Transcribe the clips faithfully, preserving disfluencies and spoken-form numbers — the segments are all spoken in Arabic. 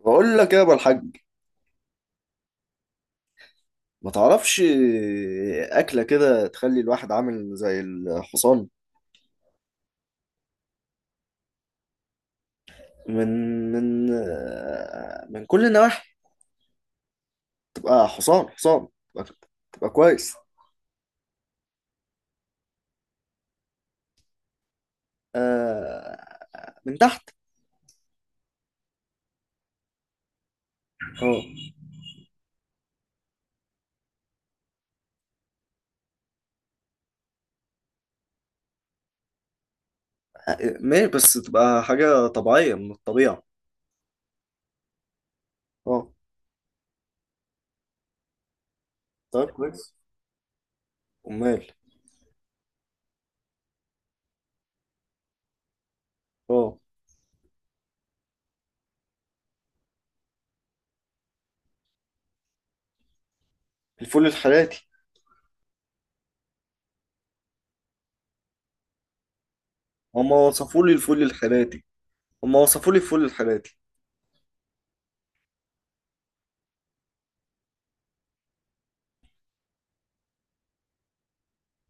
بقول لك يا ابو الحاج، ما تعرفش. اكله كده تخلي الواحد عامل زي الحصان. من من آه، من كل النواحي. تبقى حصان حصان، تبقى, تبقى كويس. آه، من تحت. اه، آه، ماشي، بس تبقى حاجه طبيعيه من الطبيعه. اه، طيب كويس. امال. اه، الفول الحراتي. هما وصفوا لي الفول الحراتي. هما وصفوا لي الفول الحراتي.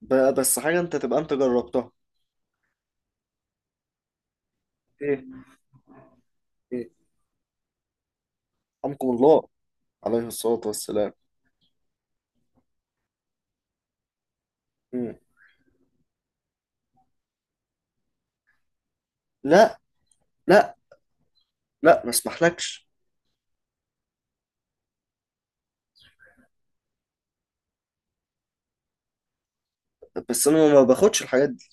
ب- بس حاجه انت تبقى انت جربتها؟ ايه، ايه، حمكم الله. عليه الصلاة والسلام. مم. لا لا لا، ما اسمحلكش. بس انا ما باخدش الحاجات دي.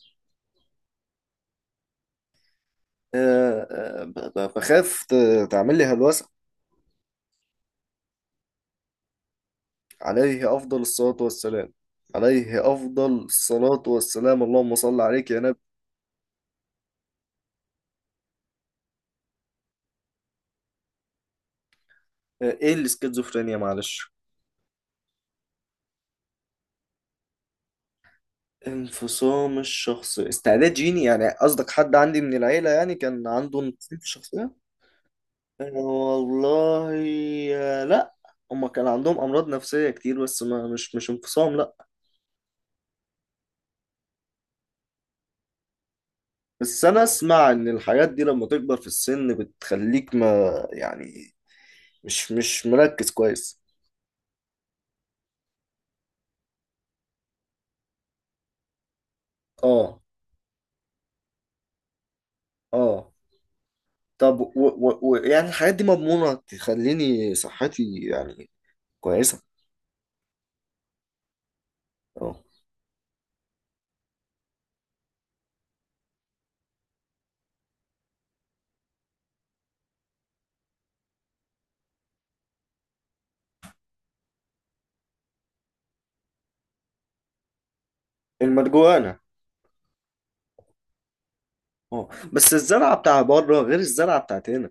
أه، أه، ب- ب- بخاف ت- تعمل لي هلوسة. عليه افضل الصلاة والسلام. عليه افضل الصلاة والسلام، اللهم صل عليك يا نبي. أه، ايه الاسكيزوفرينيا؟ معلش. انفصام الشخص، استعداد جيني يعني؟ قصدك حد عندي من العيلة يعني كان عنده انفصام في الشخصية؟ أه والله. آه، لا، هما كان عندهم امراض نفسية كتير، بس ما مش مش انفصام، لا. بس انا اسمع ان الحاجات دي لما تكبر في السن بتخليك ما، يعني مش مش مركز كويس. اه، اه. طب و و و يعني الحاجات دي مضمونة تخليني صحتي يعني كويسة؟ اه، المرجوانة. اه، بس الزرعة بتاع بره غير الزرعة بتاعت هنا.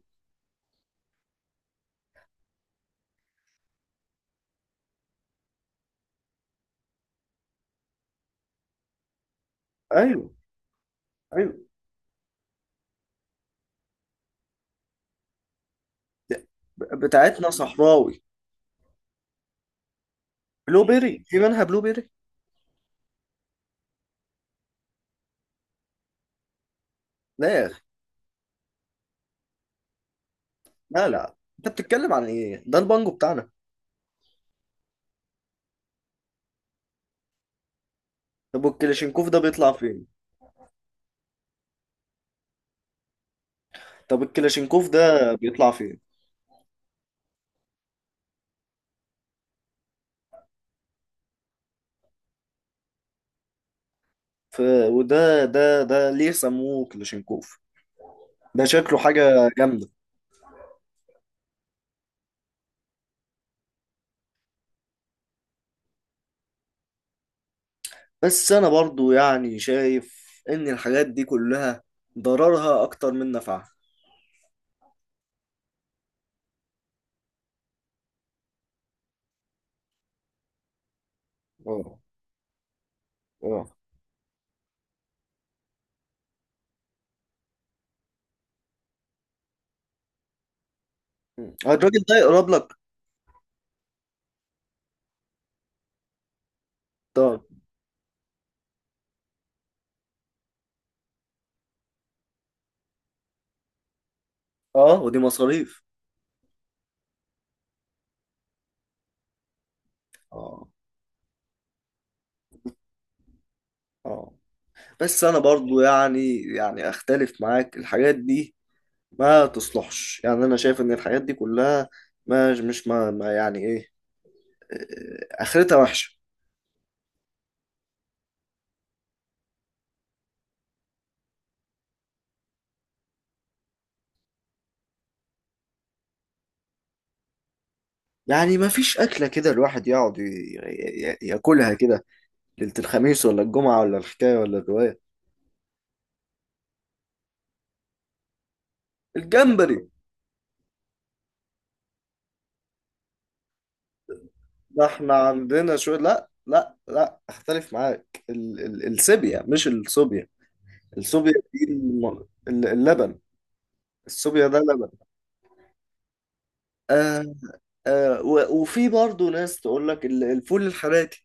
ايوه. ايوه. ب- بتاعتنا صحراوي. بلو بيري؟ في منها بلو بيري؟ لا يا اخي. لا لا، انت بتتكلم عن ايه؟ ده البانجو بتاعنا. طب والكلاشينكوف ده بيطلع فين؟ طب الكلاشينكوف ده بيطلع فين؟ ف... وده ده ده ليه سموه كلاشينكوف؟ ده شكله حاجة جامدة. بس أنا برضو يعني شايف إن الحاجات دي كلها ضررها أكتر من نفعها. اه. اه. مم. الراجل ده يقرب لك؟ طب. اه، ودي مصاريف. اه. اه، بس أنا برضو يعني يعني أختلف معاك، الحاجات دي ما تصلحش، يعني أنا شايف إن الحاجات دي كلها ما مش ما, ما، يعني إيه، آه، آه، آخرتها وحشة. يعني ما فيش أكلة كده الواحد يقعد ي- ي- ياكلها كده ليلة الخميس ولا الجمعة ولا الحكاية ولا الرواية؟ الجمبري. ده احنا عندنا شوية. لا لا لا، اختلف معاك، ال ال السيبيا مش الصوبيا. الصوبيا دي الم- ال- اللبن. الصوبيا ده لبن. آه. آه، و- وفي برضه ناس تقول لك ال- الفول الحراتي.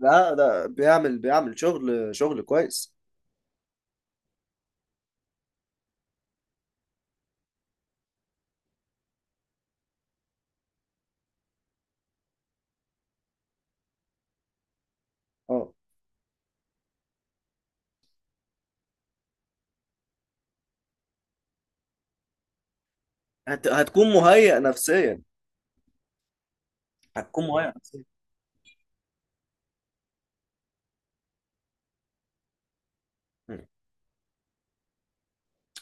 لا، ده بيعمل، بيعمل شغل شغل كويس. اه، هت هتكون مهيأ نفسيا. هتكون مهيأ نفسيا.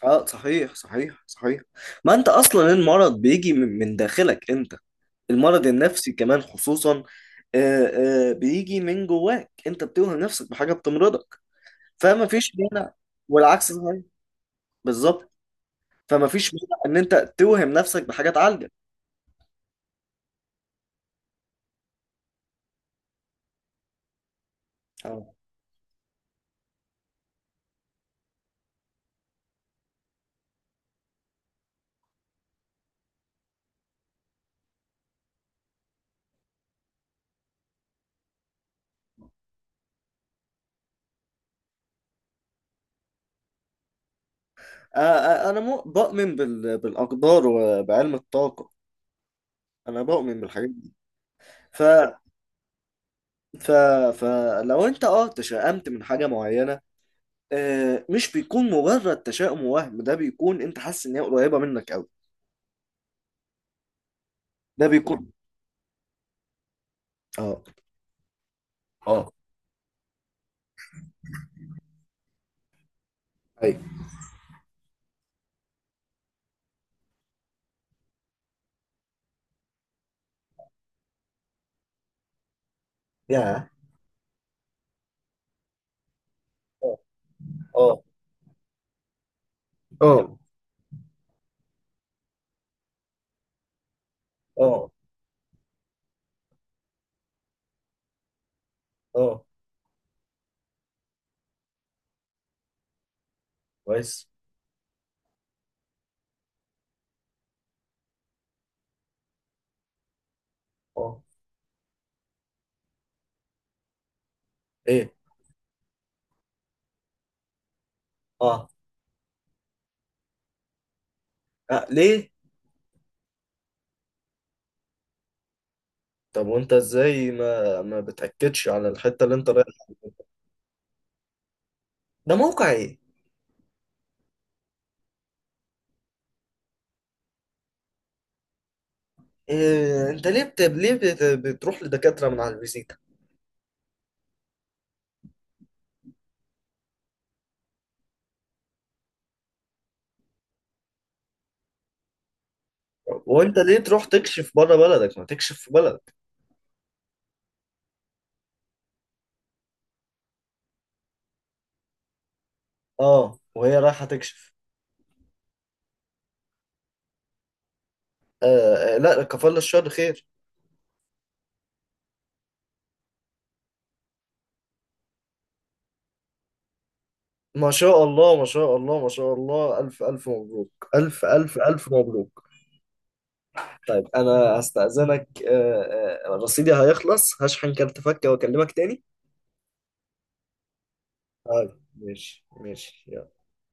اه، صحيح صحيح صحيح. ما انت اصلا المرض بيجي من من داخلك انت. المرض النفسي كمان خصوصا. آه، آه، بيجي من جواك، انت بتوهم نفسك بحاجه بتمرضك. فما فيش مانع. والعكس صحيح، بالظبط. فما فيش مانع ان انت توهم نفسك بحاجه تعالجك. اه، آه، آه، انا مو- بؤمن بال- بالاقدار وبعلم الطاقه. انا بؤمن بالحاجات دي. ف ف فلو انت اه تشائمت من حاجه معينه، آه، مش بيكون مجرد تشاؤم ووهم، ده بيكون انت حاسس ان هي قريبه منك قوي. ده بيكون. اه. اه. ايوه. يا. اه. اه. اه. اه. كويس. اه. ايه. اه. آه، ليه؟ طب وانت ازاي ما ما بتأكدش على الحتة اللي انت رايحها؟ ده موقع ايه؟ إيه، انت ليه بت... ليه بت... بتروح لدكاترة من على الفيزيتا؟ وانت ليه تروح تكشف بره بلدك؟ ما تكشف في بلدك. اه، وهي رايحة تكشف؟ آه، آه، لا، كفل الشر خير. ما شاء الله ما شاء الله ما شاء الله، ألف ألف مبروك، ألف ألف ألف مبروك. طيب أنا هستأذنك، آه، آه، رصيدي هيخلص، هشحن كارت فكة وأكلمك تاني. طيب ماشي ماشي.